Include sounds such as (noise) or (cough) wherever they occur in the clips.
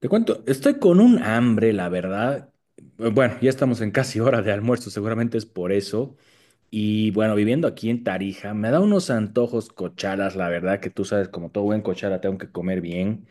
Te cuento, estoy con un hambre, la verdad. Bueno, ya estamos en casi hora de almuerzo, seguramente es por eso. Y bueno, viviendo aquí en Tarija, me da unos antojos cochalas, la verdad que tú sabes, como todo buen cochala, tengo que comer bien.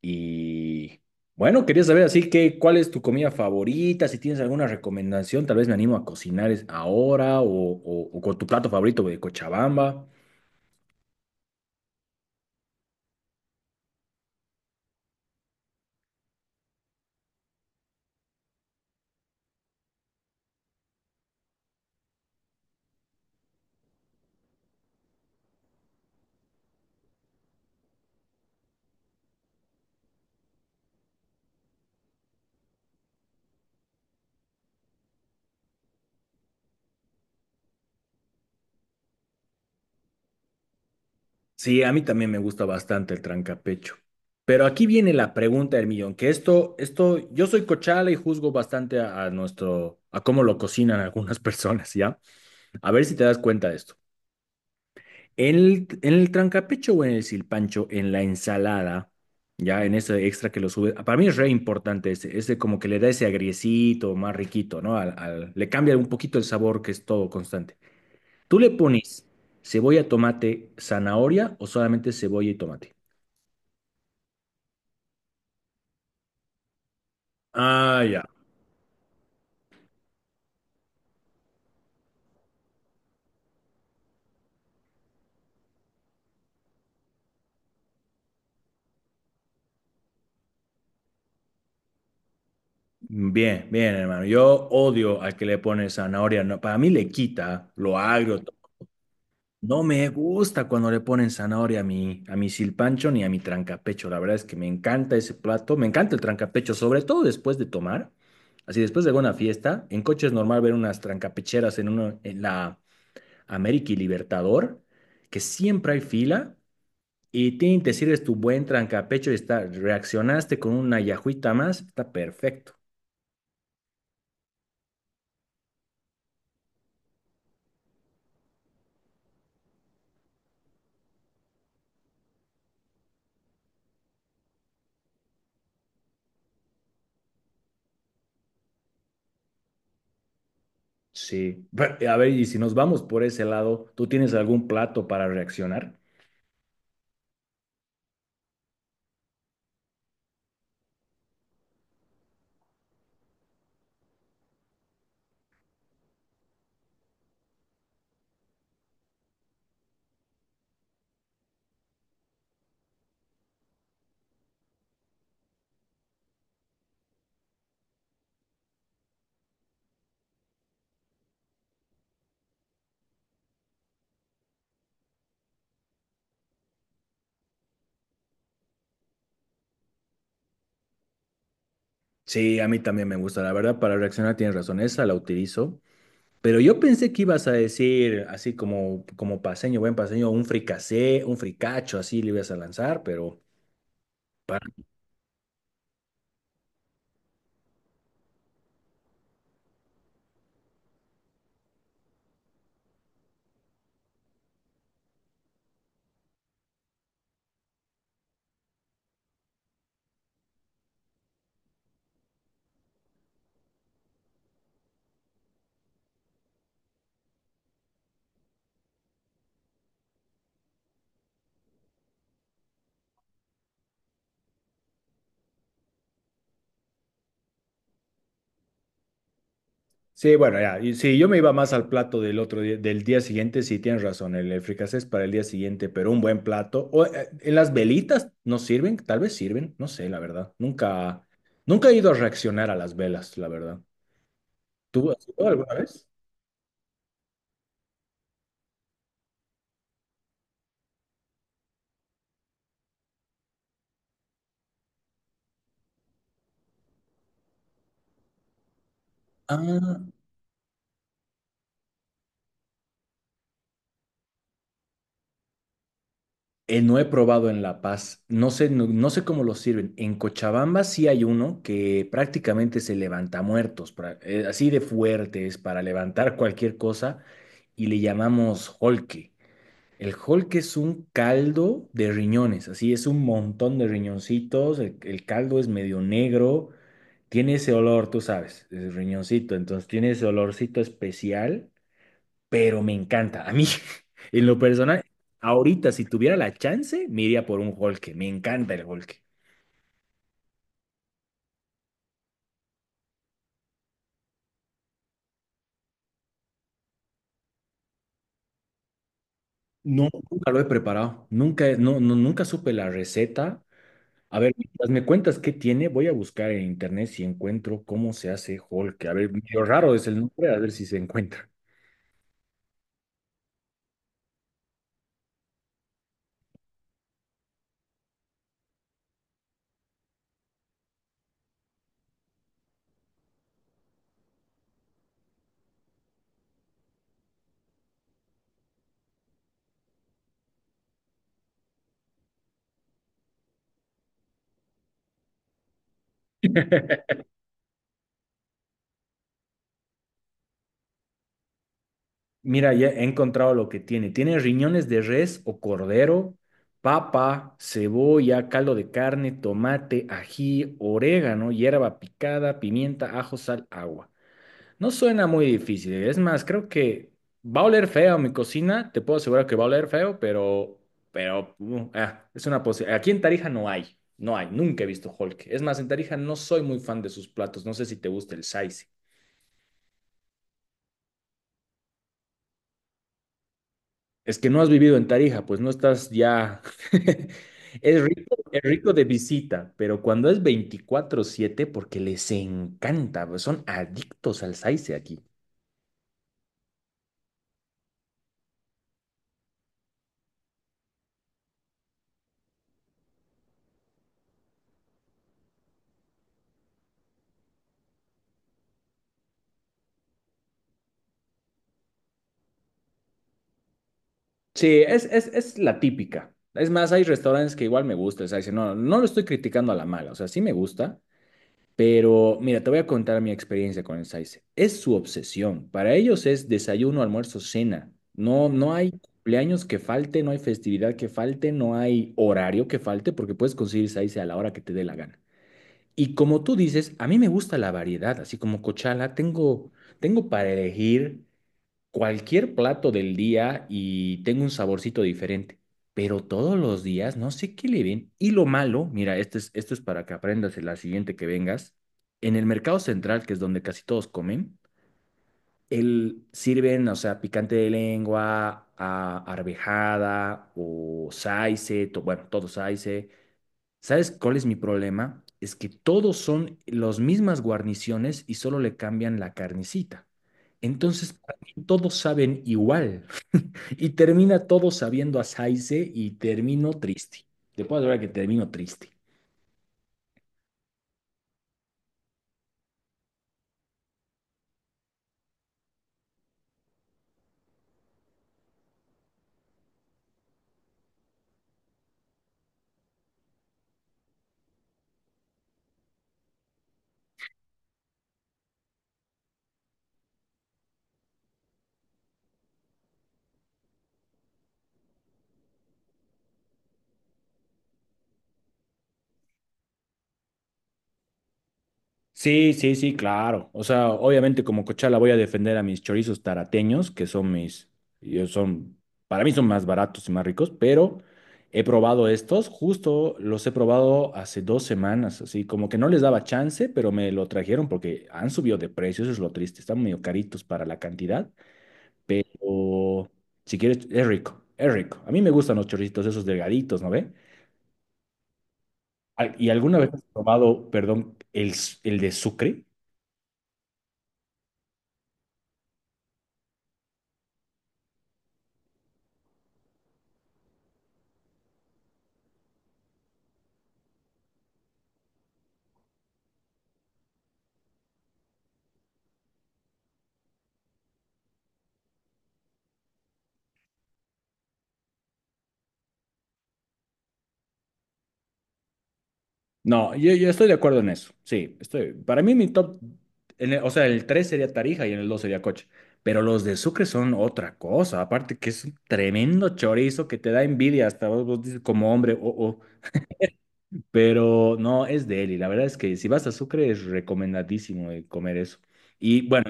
Y bueno, quería saber así que, ¿cuál es tu comida favorita? Si tienes alguna recomendación, tal vez me animo a cocinar ahora o con tu plato favorito de Cochabamba. Sí, a mí también me gusta bastante el trancapecho. Pero aquí viene la pregunta del millón, que esto, yo soy cochala y juzgo bastante a nuestro, a cómo lo cocinan algunas (laughs) personas, ¿ya? A ver si te das cuenta de esto. En el trancapecho o en el silpancho, en la ensalada, ya en ese extra que lo sube, para mí es re importante ese como que le da ese agriecito más riquito, ¿no? Le cambia un poquito el sabor que es todo constante. ¿Tú le pones cebolla, tomate, zanahoria o solamente cebolla y tomate? Ah, ya. Bien, bien, hermano. Yo odio al que le pone zanahoria. No, para mí le quita lo agrio. No me gusta cuando le ponen zanahoria a mi silpancho ni a mi trancapecho. La verdad es que me encanta ese plato. Me encanta el trancapecho, sobre todo después de tomar. Así, después de alguna fiesta, en coche es normal ver unas trancapecheras en, uno, en la América y Libertador, que siempre hay fila. Y tin, te sirves tu buen trancapecho y está, reaccionaste con una yajuita más, está perfecto. Sí, pero, a ver, y si nos vamos por ese lado, ¿tú tienes algún plato para reaccionar? Sí, a mí también me gusta, la verdad, para reaccionar tienes razón, esa la utilizo, pero yo pensé que ibas a decir, así como, como paseño, buen paseño, un fricasé, un fricacho, así le ibas a lanzar, pero sí, bueno, ya. Y sí, yo me iba más al plato del otro día, del día siguiente, sí, tienes razón, el fricasé es para el día siguiente, pero un buen plato. O, ¿en las velitas no sirven? Tal vez sirven, no sé, la verdad. Nunca, nunca he ido a reaccionar a las velas, la verdad. ¿Tú has ido alguna vez? Ah, no he probado en La Paz. No sé, no, no sé cómo lo sirven. En Cochabamba sí hay uno que prácticamente se levanta muertos, así de fuertes para levantar cualquier cosa, y le llamamos holque. El Hulk es un caldo de riñones, así es un montón de riñoncitos, el caldo es medio negro, tiene ese olor, tú sabes, es riñoncito, entonces tiene ese olorcito especial, pero me encanta. A mí, (laughs) en lo personal, ahorita si tuviera la chance, me iría por un Hulk, me encanta el Hulk. No, nunca lo he preparado, nunca, no, no, nunca supe la receta. A ver, mientras me cuentas qué tiene, voy a buscar en internet si encuentro cómo se hace Hulk. A ver, medio raro es el nombre, a ver si se encuentra. Mira, ya he encontrado lo que tiene. Tiene riñones de res o cordero, papa, cebolla, caldo de carne, tomate, ají, orégano, hierba picada, pimienta, ajo, sal, agua. No suena muy difícil, ¿eh? Es más, creo que va a oler feo mi cocina. Te puedo asegurar que va a oler feo, pero, es una posibilidad. Aquí en Tarija no hay. No hay. Nunca he visto Hulk. Es más, en Tarija no soy muy fan de sus platos. No sé si te gusta el saice. Es que no has vivido en Tarija, pues no estás ya. (laughs) Es rico de visita, pero cuando es 24/7, porque les encanta, pues, son adictos al saice aquí. Sí, es la típica. Es más, hay restaurantes que igual me gusta. O sea, dice, no, no lo estoy criticando a la mala. O sea, sí me gusta. Pero mira, te voy a contar mi experiencia con el Saize. Es su obsesión. Para ellos es desayuno, almuerzo, cena. No, no hay cumpleaños que falte, no hay festividad que falte, no hay horario que falte, porque puedes conseguir Saize a la hora que te dé la gana. Y como tú dices, a mí me gusta la variedad, así como cochala, tengo para elegir cualquier plato del día y tengo un saborcito diferente, pero todos los días no sé qué le ven. Y lo malo, mira, esto es para que aprendas en la siguiente que vengas. En el mercado central, que es donde casi todos comen, el, sirven, o sea, picante de lengua, arvejada o saice, to- bueno, todo saice. ¿Sabes cuál es mi problema? Es que todos son las mismas guarniciones y solo le cambian la carnecita. Entonces, para mí todos saben igual. Y termina todo sabiendo a Saize y termino triste. Te puedo asegurar que termino triste. Sí, sí, sí, claro. O sea, obviamente como cochala voy a defender a mis chorizos tarateños, que son mis, yo son, para mí son más baratos y más ricos, pero he probado estos, justo los he probado hace 2 semanas, así como que no les daba chance, pero me lo trajeron porque han subido de precio, eso es lo triste, están medio caritos para la cantidad, pero si quieres, es rico, es rico. A mí me gustan los chorritos esos delgaditos, ¿no ve? Al- ¿Y alguna vez has probado, perdón, el de sucre? No, yo estoy de acuerdo en eso, sí, estoy. Para mí mi top, en el- o sea, el 3 sería Tarija y en el 2 sería Coche. Pero los de Sucre son otra cosa, aparte que es un tremendo chorizo que te da envidia hasta vos, vos dices como hombre, oh, oh. Pero no, es de él y la verdad es que si vas a Sucre es recomendadísimo comer eso. Y bueno,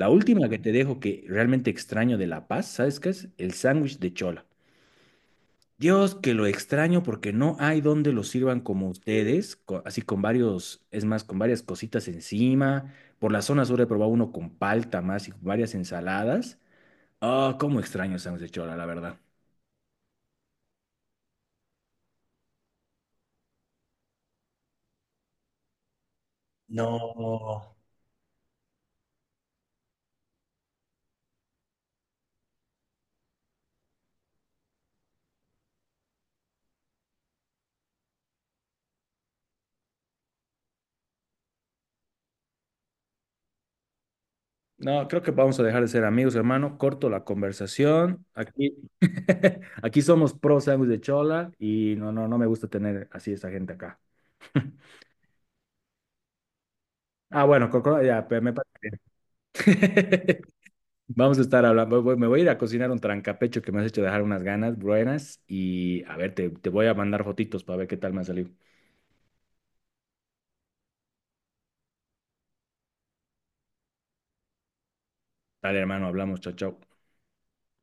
la última que te dejo que realmente extraño de La Paz, ¿sabes qué es? El sándwich de chola. Dios, que lo extraño porque no hay donde lo sirvan como ustedes, así con varios, es más, con varias cositas encima. Por la zona sur he probado uno con palta más y con varias ensaladas. Ah, cómo extraño el sándwich de chola, la verdad. No. No, creo que vamos a dejar de ser amigos, hermano. Corto la conversación. Aquí, (laughs) aquí somos pro sándwich de chola y no, no, no me gusta tener así esa gente acá. (laughs) Ah, bueno, Coco, ya, (laughs) Vamos a estar hablando. Me voy a ir a cocinar un trancapecho que me has hecho dejar unas ganas buenas. Y a ver, te voy a mandar fotitos para ver qué tal me ha salido. Dale, hermano, hablamos. Chao, chao.